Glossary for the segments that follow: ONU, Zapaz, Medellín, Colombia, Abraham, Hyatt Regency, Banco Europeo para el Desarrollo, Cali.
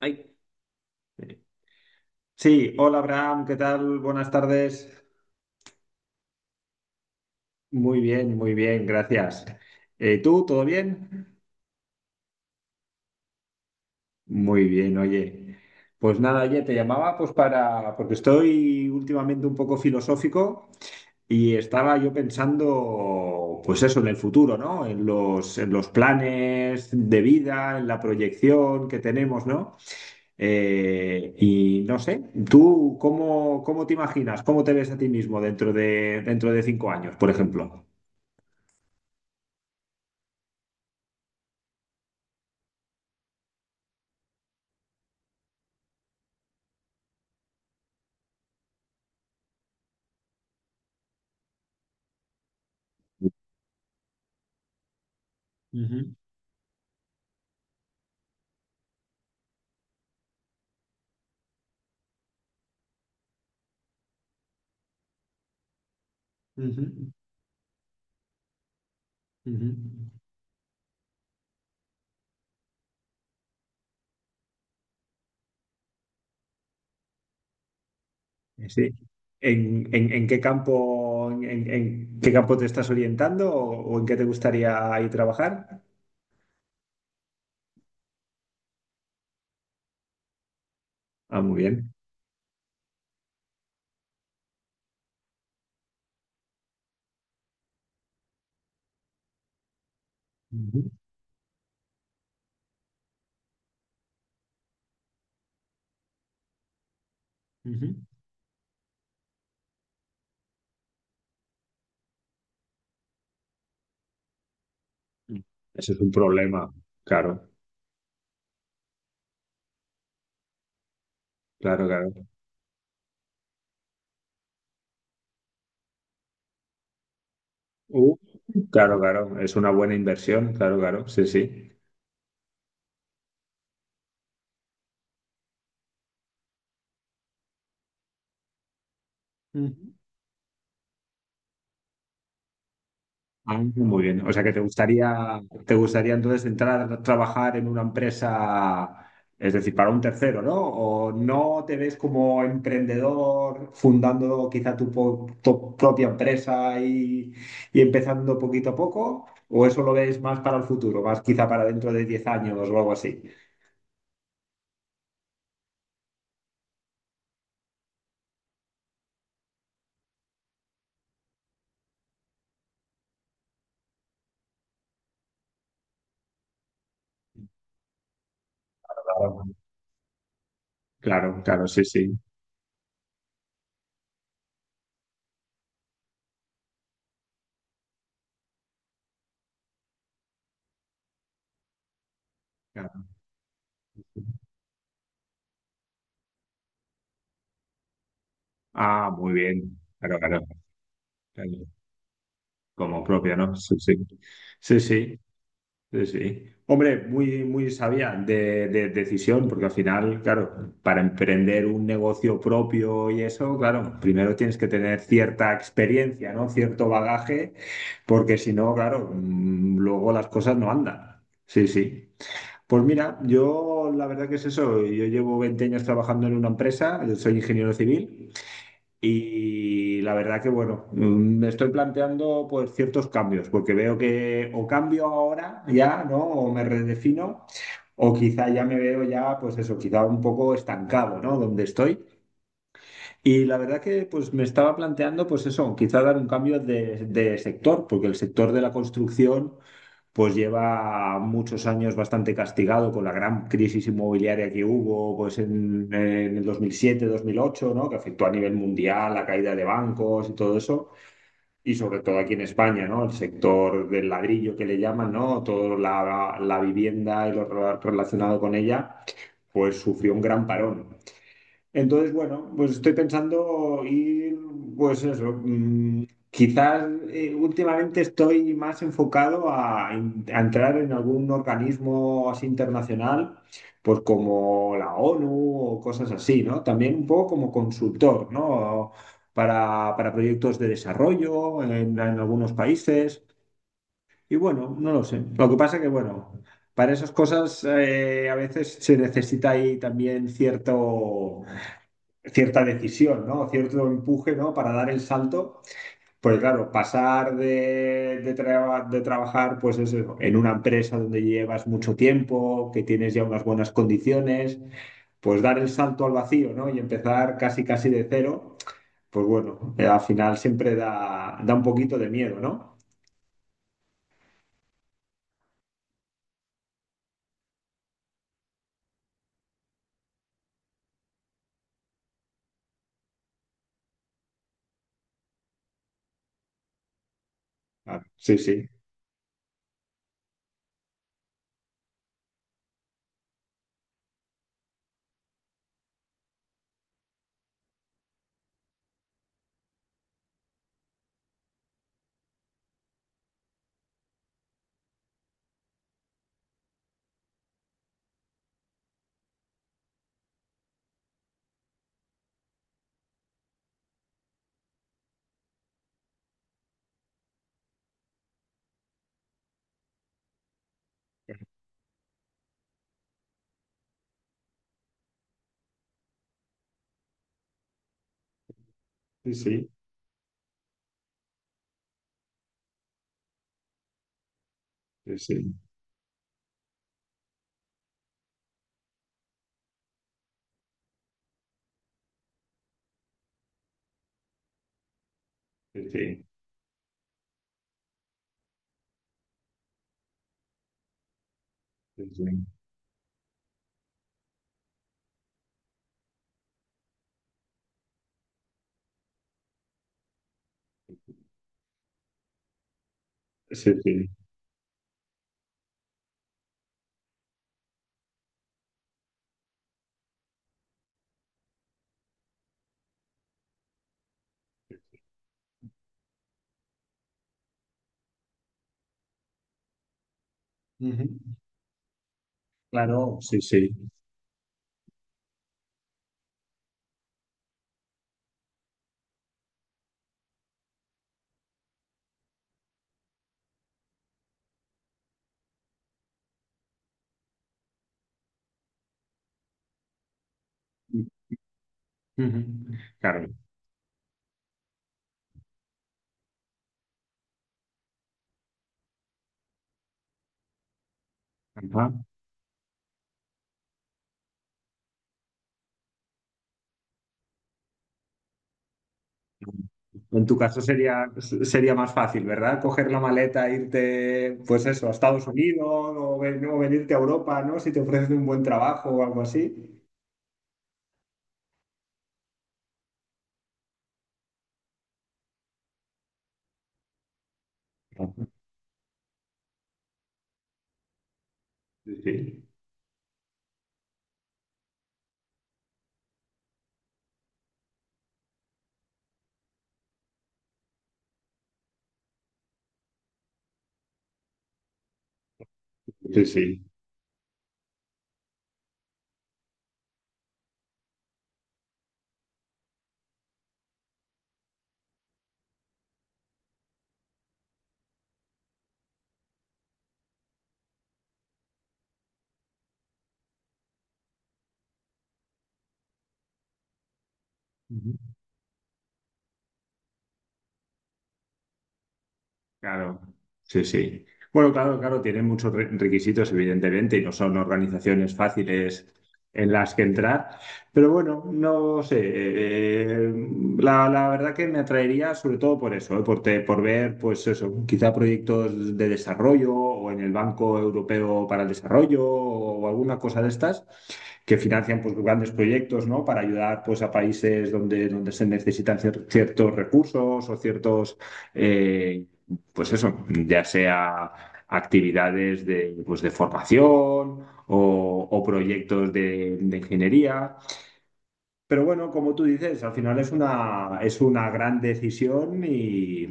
Ay. Sí, hola Abraham, ¿qué tal? Buenas tardes. Muy bien, gracias. ¿Tú, todo bien? Muy bien, oye. Pues nada, oye, te llamaba pues porque estoy últimamente un poco filosófico. Y estaba yo pensando, pues eso, en el futuro, ¿no? En los planes de vida, en la proyección que tenemos, ¿no? Y no sé, ¿tú cómo te imaginas? ¿Cómo te ves a ti mismo dentro de 5 años, por ejemplo? Ujú, ujú, ujú. Sí. ¿En qué campo, en qué campo te estás orientando o en qué te gustaría ir trabajar? Ah, muy bien. Ujú, ujú. Ese es un problema, claro, claro, claro. Uh, claro, claro, es una buena inversión, claro, claro, sí, sí. Ujú. Ah, muy bien. O sea que te gustaría entonces entrar a trabajar en una empresa, es decir, para un tercero, ¿no? O no te ves como emprendedor fundando quizá tu propia empresa y empezando poquito a poco, o eso lo ves más para el futuro, más quizá para dentro de 10 años o algo así. Claro, claro, claro, sí, sí. Claro. Ah, muy bien. Claro, claro. Claro. Como propia, ¿no? Sí, sí. Sí, sí. Sí, sí. Hombre, muy, muy sabia de decisión, porque al final, claro, para emprender un negocio propio y eso, claro, primero tienes que tener cierta experiencia, ¿no? Cierto bagaje, porque si no, claro, luego las cosas no andan. Sí, sí. Pues mira, yo la verdad que es eso, yo llevo 20 años trabajando en una empresa, yo soy ingeniero civil. Y la verdad que, bueno, me estoy planteando pues ciertos cambios, porque veo que o cambio ahora ya, ¿no? O me redefino, o quizá ya me veo ya, pues eso, quizá un poco estancado, ¿no? Donde estoy. Y la verdad que pues me estaba planteando, pues eso, quizá dar un cambio de sector, porque el sector de la construcción pues lleva muchos años bastante castigado con la gran crisis inmobiliaria que hubo pues en, el 2007-2008, ¿no? Que afectó a nivel mundial la caída de bancos y todo eso, y sobre todo aquí en España, ¿no? El sector del ladrillo que le llaman, ¿no? Toda la vivienda y lo relacionado con ella, pues sufrió un gran parón. Entonces, bueno, pues estoy pensando ir, pues eso, quizás últimamente estoy más enfocado a entrar en algún organismo así internacional, pues como la ONU o cosas así, ¿no? También un poco como consultor, ¿no? Para proyectos de desarrollo en algunos países. Y bueno, no lo sé. Lo que pasa que, bueno, para esas cosas a veces se necesita ahí también cierto cierta decisión, ¿no? Cierto empuje, ¿no? Para dar el salto. Pues claro, pasar de trabajar pues eso, en una empresa donde llevas mucho tiempo, que tienes ya unas buenas condiciones, pues dar el salto al vacío, ¿no? Y empezar casi casi de cero, pues bueno, al final siempre da un poquito de miedo, ¿no? Ah, sí, sí, sí, sí, sí, sí, sí, sí, sí, sí, sí, sí. Ujú. Claro, sí, sí. Ujú. Claro. Ajá. En tu caso sería más fácil, ¿verdad? Coger la maleta, irte, pues eso, a Estados Unidos o venirte a Europa, ¿no? Si te ofrecen un buen trabajo o algo así. Sí, sí. Sí, sí. Claro, sí, sí. Bueno, claro, claro, tienen muchos requisitos, evidentemente, y no son organizaciones fáciles en las que entrar. Pero bueno, no sé, la verdad que me atraería sobre todo por eso, por ver, pues eso, quizá proyectos de desarrollo o en el Banco Europeo para el Desarrollo o alguna cosa de estas que financian pues, grandes proyectos, ¿no? Para ayudar pues, a países donde se necesitan ciertos recursos o ciertos... eh, pues eso, ya sea actividades pues de formación o proyectos de ingeniería. Pero bueno, como tú dices, al final es una gran decisión y,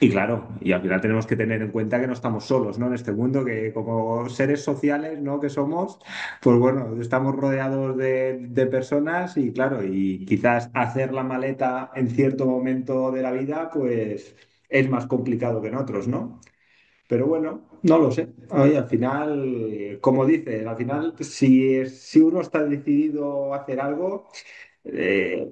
y claro, y al final tenemos que tener en cuenta que no estamos solos, ¿no? En este mundo, que como seres sociales, ¿no? Que somos, pues bueno, estamos rodeados de personas y claro, y quizás hacer la maleta en cierto momento de la vida, pues es más complicado que en otros, ¿no? Pero bueno, no lo sé. Oye, al final, como dices, al final, si uno está decidido a hacer algo, eh,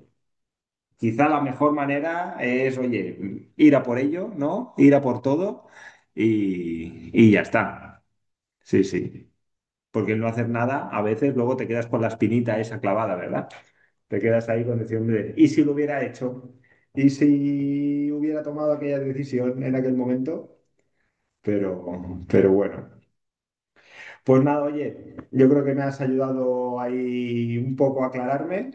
quizá la mejor manera es, oye, ir a por ello, ¿no? Ir a por todo y ya está. Sí, sí. Porque el no hacer nada, a veces luego te quedas con la espinita esa clavada, ¿verdad? Te quedas ahí con decir, hombre, ¿y si lo hubiera hecho? ¿Y si hubiera tomado aquella decisión en aquel momento? Pero, pero bueno. Pues nada, oye, yo creo que me has ayudado ahí un poco a aclararme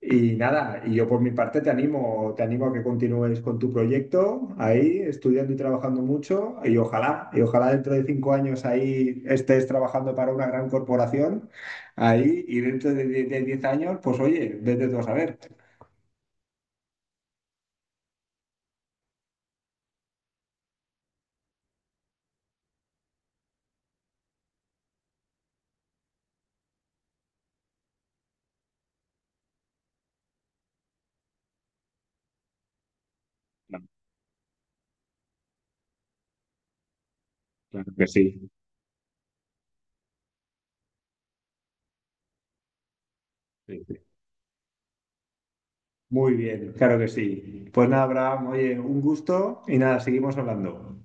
y nada, y yo por mi parte te animo a que continúes con tu proyecto ahí, estudiando y trabajando mucho y ojalá dentro de 5 años ahí estés trabajando para una gran corporación ahí y dentro de 10 años, pues oye, vete tú a saber. Claro, claro que sí. Sí, sí. Muy bien, claro que sí. Pues nada, Abraham, oye, un gusto y nada, seguimos hablando.